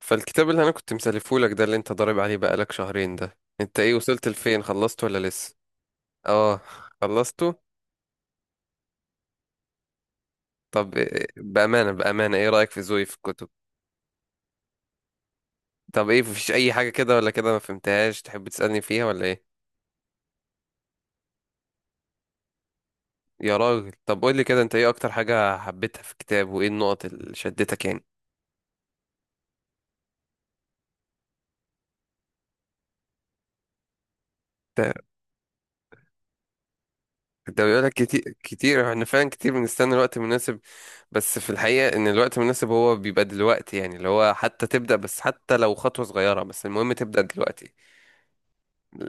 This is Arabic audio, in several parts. فالكتاب اللي انا كنت مسلفهولك ده اللي انت ضارب عليه بقالك شهرين ده، انت ايه وصلت لفين، خلصته ولا لسه؟ اه، خلصته. طب بأمانة بأمانة ايه رأيك في ذوقي في الكتب؟ طب ايه، مفيش اي حاجة كده ولا كده ما فهمتهاش تحب تسألني فيها ولا ايه؟ يا راجل، طب قول لي كده، انت ايه اكتر حاجة حبيتها في الكتاب، وايه النقط اللي شدتك يعني؟ ده ده بيقول لك كتير كتير احنا فعلا كتير بنستنى الوقت المناسب. بس في الحقيقة ان الوقت المناسب هو بيبقى دلوقتي، يعني اللي هو حتى تبدأ، بس حتى لو خطوة صغيرة بس المهم تبدأ دلوقتي.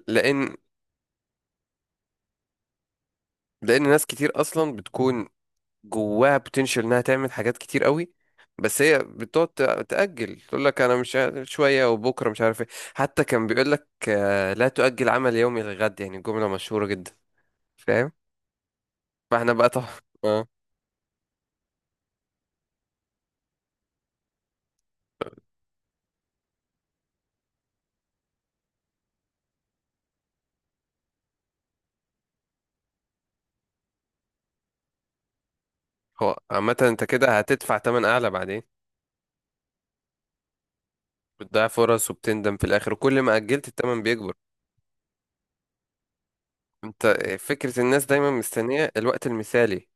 لان لان ناس كتير اصلا بتكون جواها بوتنشال انها تعمل حاجات كتير قوي، بس هي بتقعد تأجل، تقول لك انا مش عارف- شويه وبكره مش عارف ايه. حتى كان بيقول لك لا تؤجل عمل يومي للغد، يعني جمله مشهوره جدا. فاهم؟ فاحنا بقى طبعا اه. هو عامه انت كده هتدفع تمن اعلى بعدين. بتضيع فرص وبتندم في الاخر، وكل ما اجلت التمن بيكبر. انت، فكره الناس دايما مستنيه الوقت المثالي.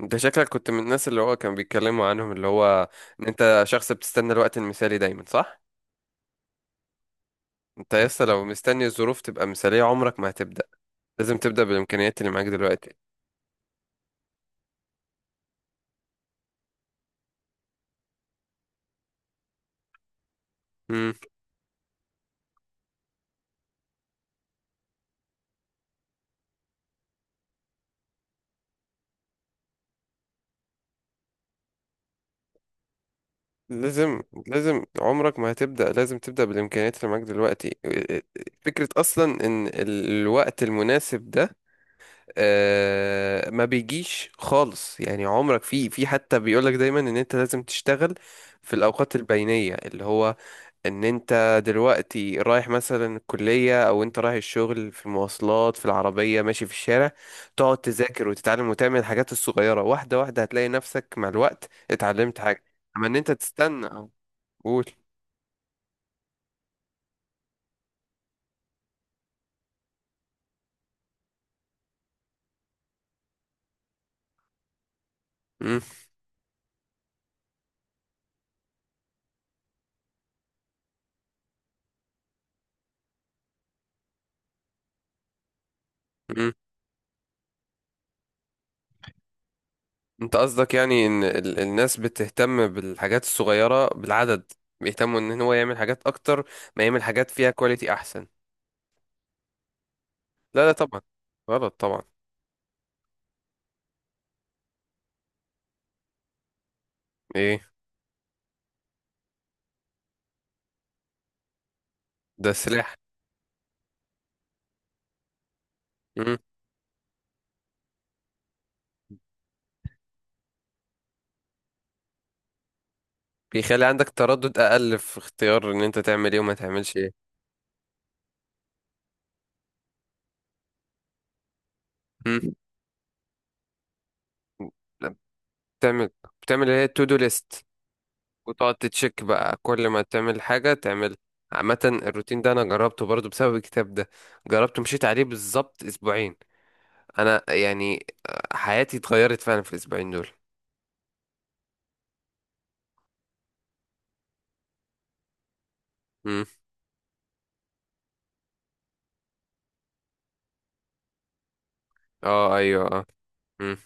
انت شكلك كنت من الناس اللي هو كان بيتكلموا عنهم، اللي هو ان انت شخص بتستنى الوقت المثالي دايما، صح؟ انت لسه لو مستني الظروف تبقى مثالية عمرك ما هتبدأ. لازم تبدأ بالامكانيات اللي معاك دلوقتي. امم لازم لازم عمرك ما هتبدأ، لازم تبدأ بالامكانيات اللي معاك دلوقتي. فكرة اصلا ان الوقت المناسب ده ما بيجيش خالص، يعني عمرك في حتى بيقولك دايما ان انت لازم تشتغل في الاوقات البينية، اللي هو ان انت دلوقتي رايح مثلا الكلية او انت رايح الشغل، في المواصلات، في العربية، ماشي في الشارع، تقعد تذاكر وتتعلم وتعمل الحاجات الصغيرة واحدة واحدة، هتلاقي نفسك مع الوقت اتعلمت حاجة. اما ان انت تستنى قول. مم، انت قصدك يعني ان الناس بتهتم بالحاجات الصغيرة بالعدد، بيهتموا ان هو يعمل حاجات اكتر، ما يعمل حاجات فيها كواليتي احسن. لا لا طبعا، غلط طبعا. ايه؟ ده سلاح. مم. بيخلي عندك تردد اقل في اختيار ان انت تعمل ايه وما تعملش ايه. مم. لا، بتعمل بتعمل اللي هي تو دو ليست، وتقعد تتشيك بقى، كل ما تعمل حاجة تعمل. عامة الروتين ده انا جربته برضو بسبب الكتاب ده، جربته مشيت عليه بالظبط اسبوعين. انا يعني حياتي اتغيرت فعلا في الاسبوعين دول. امم اه، ايوه، اه. امم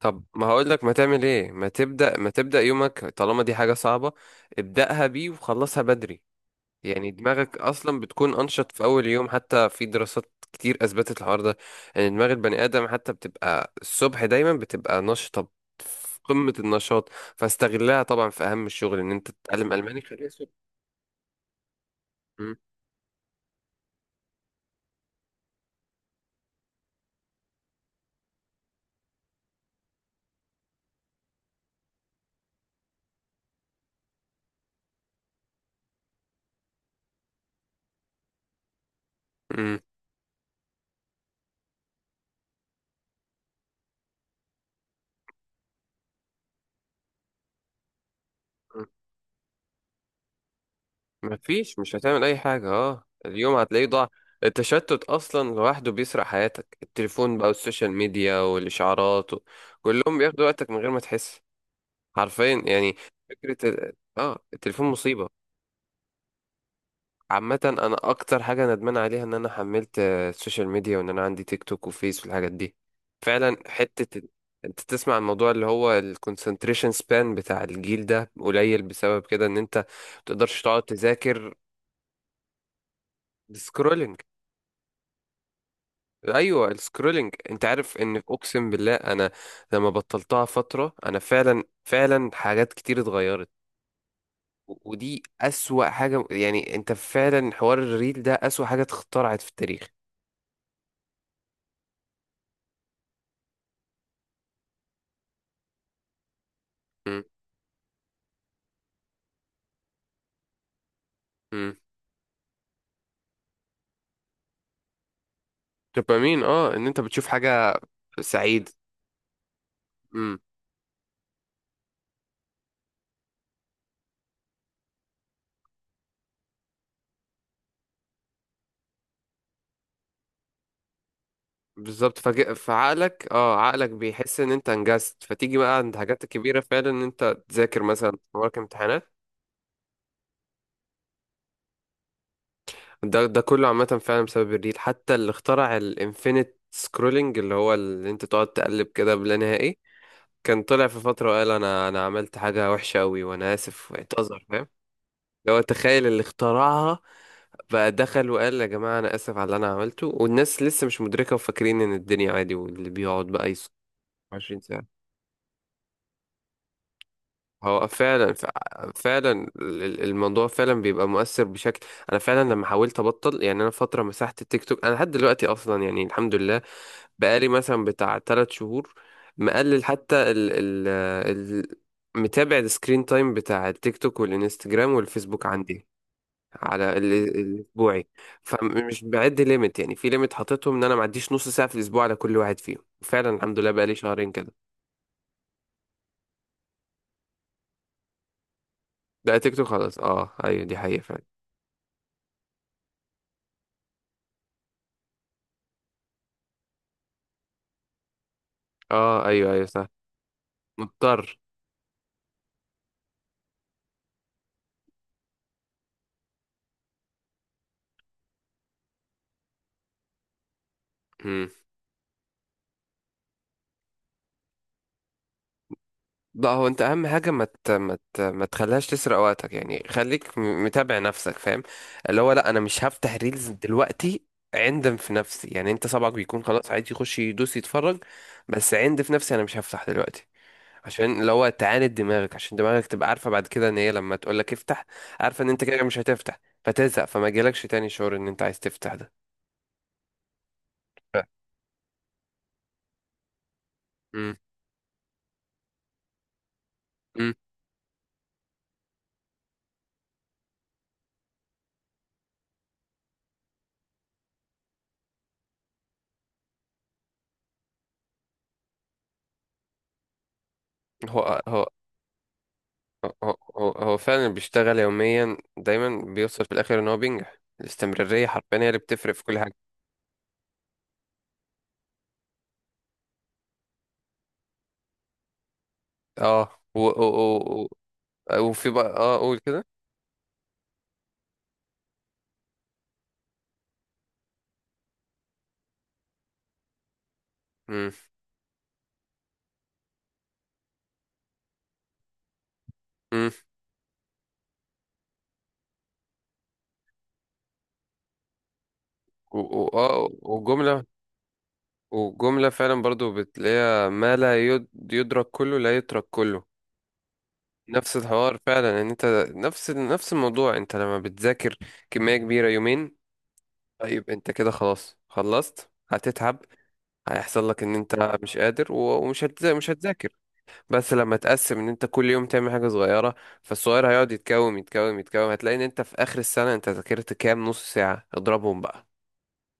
طب ما هقول لك ما تعمل ايه، ما تبدا يومك طالما دي حاجه صعبه، ابداها بيه وخلصها بدري. يعني دماغك اصلا بتكون انشط في اول يوم، حتى في دراسات كتير اثبتت الحوار ده. ان يعني دماغ البني ادم حتى بتبقى الصبح دايما بتبقى نشطه، في قمه النشاط. فاستغلها طبعا في اهم الشغل، ان انت تتعلم الماني خليها الصبح. امم مفيش، مش هتعمل اي حاجة، اليوم هتلاقيه ضاع. التشتت اصلا لوحده بيسرق حياتك، التليفون بقى والسوشيال ميديا والاشعارات و كلهم بياخدوا وقتك من غير ما تحس. حرفيا يعني. فكرة ال- اه التليفون مصيبة. عامة انا اكتر حاجة ندمان عليها ان انا حملت السوشيال ميديا، وان انا عندي تيك توك وفيس والحاجات دي. فعلا حتة ال- انت تسمع الموضوع اللي هو الكونسنتريشن سبان بتاع الجيل ده قليل بسبب كده، ان انت متقدرش تقعد تذاكر. ايوه، السكرولينج، انت عارف ان، اقسم بالله انا لما بطلتها فتره انا فعلا فعلا حاجات كتير اتغيرت. ودي اسوأ حاجه، يعني انت فعلا حوار الريل ده اسوأ حاجه اتخترعت في التاريخ. امم، امم. دوبامين، ان انت بتشوف حاجه سعيد. امم بالظبط، فج... فعقلك اه عقلك بيحس ان انت انجزت، فتيجي بقى عند حاجات كبيره فعلا ان انت تذاكر مثلا، وراك امتحانات. ده كله عامة فعلا بسبب الريل، حتى اللي اخترع الانفينيت سكرولنج، اللي هو اللي انت تقعد تقلب كده بلا نهائي، كان طلع في فترة وقال انا عملت حاجة وحشة قوي وانا اسف واعتذر، فاهم؟ لو تخيل اللي اخترعها بقى، دخل وقال يا جماعة انا اسف على اللي انا عملته، والناس لسه مش مدركة وفاكرين ان الدنيا عادي، واللي بيقعد بقى 24 ساعة. هو فعلا الموضوع فعلا بيبقى مؤثر بشكل. انا فعلا لما حاولت ابطل، يعني انا فتره مسحت التيك توك، انا لحد دلوقتي اصلا يعني الحمد لله، بقالي مثلا بتاع تلات شهور، مقلل حتى ال متابع السكرين تايم بتاع التيك توك والانستجرام والفيسبوك عندي، على الاسبوعي. فمش بعد ليميت، يعني في ليميت حاططهم ان انا ما عديش نص ساعه في الاسبوع على كل واحد فيهم، فعلا الحمد لله بقالي شهرين كده. لا، تيك توك خلاص. اه، ايوه، دي حقيقه فعلا. اه، ايوه، ايوه، صح. مضطر. مم. لا، هو انت اهم حاجه ما مت... مت... ما تخليهاش تسرق وقتك يعني، خليك متابع نفسك، فاهم. اللي هو لا، انا مش هفتح ريلز دلوقتي. عندم في نفسي، يعني انت صبعك بيكون خلاص عادي، يخش يدوس يتفرج. بس عند في نفسي انا مش هفتح دلوقتي، عشان اللي هو تعاند دماغك، عشان دماغك تبقى عارفه بعد كده ان هي لما تقول لك افتح، عارفه ان انت كده مش هتفتح، فتزهق، فما جالكش تاني شعور ان انت عايز تفتح ده. ف- مم. مم. هو هو هو هو فعلا بيشتغل يوميا دايما، بيوصل في الاخر ان هو بينجح، الاستمرارية حرفيا هي اللي بتفرق في كل حاجة. اه، وفي بقى، قول كده. امم، امم. و- و- اه وجملة وجملة فعلا برضو بتلاقيها، ما لا يدرك كله لا يترك كله. نفس الحوار فعلا، ان انت نفس الموضوع، انت لما بتذاكر كمية كبيرة يومين، طيب انت كده خلاص خلصت هتتعب. هيحصل لك ان انت مش قادر ومش هتذا- مش هتذاكر. بس لما تقسم ان انت كل يوم تعمل حاجة صغيرة، فالصغير هيقعد يتكوم يتكوم يتكوم، هتلاقي ان انت في اخر السنة انت ذاكرت كام نص ساعة اضربهم بقى.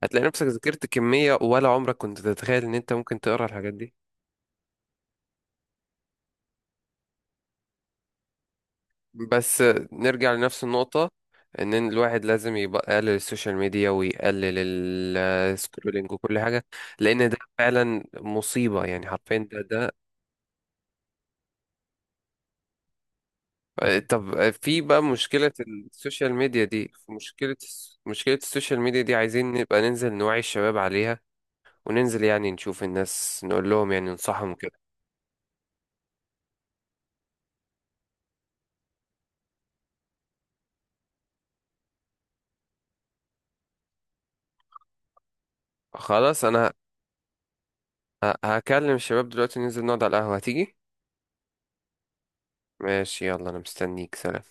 هتلاقي نفسك ذاكرت كمية ولا عمرك كنت تتخيل ان انت ممكن تقرا الحاجات دي. بس نرجع لنفس النقطة، ان الواحد لازم يبقى يقلل السوشيال ميديا ويقلل السكرولينج وكل حاجة، لان ده فعلا مصيبة يعني حرفيا ده. طب في بقى مشكلة السوشيال ميديا دي عايزين نبقى ننزل نوعي الشباب عليها، وننزل يعني نشوف الناس، نقول لهم يعني ننصحهم كده. خلاص، أنا هكلم الشباب دلوقتي، ننزل نقعد على القهوة، هتيجي؟ ماشي، يلا أنا مستنيك، سلام.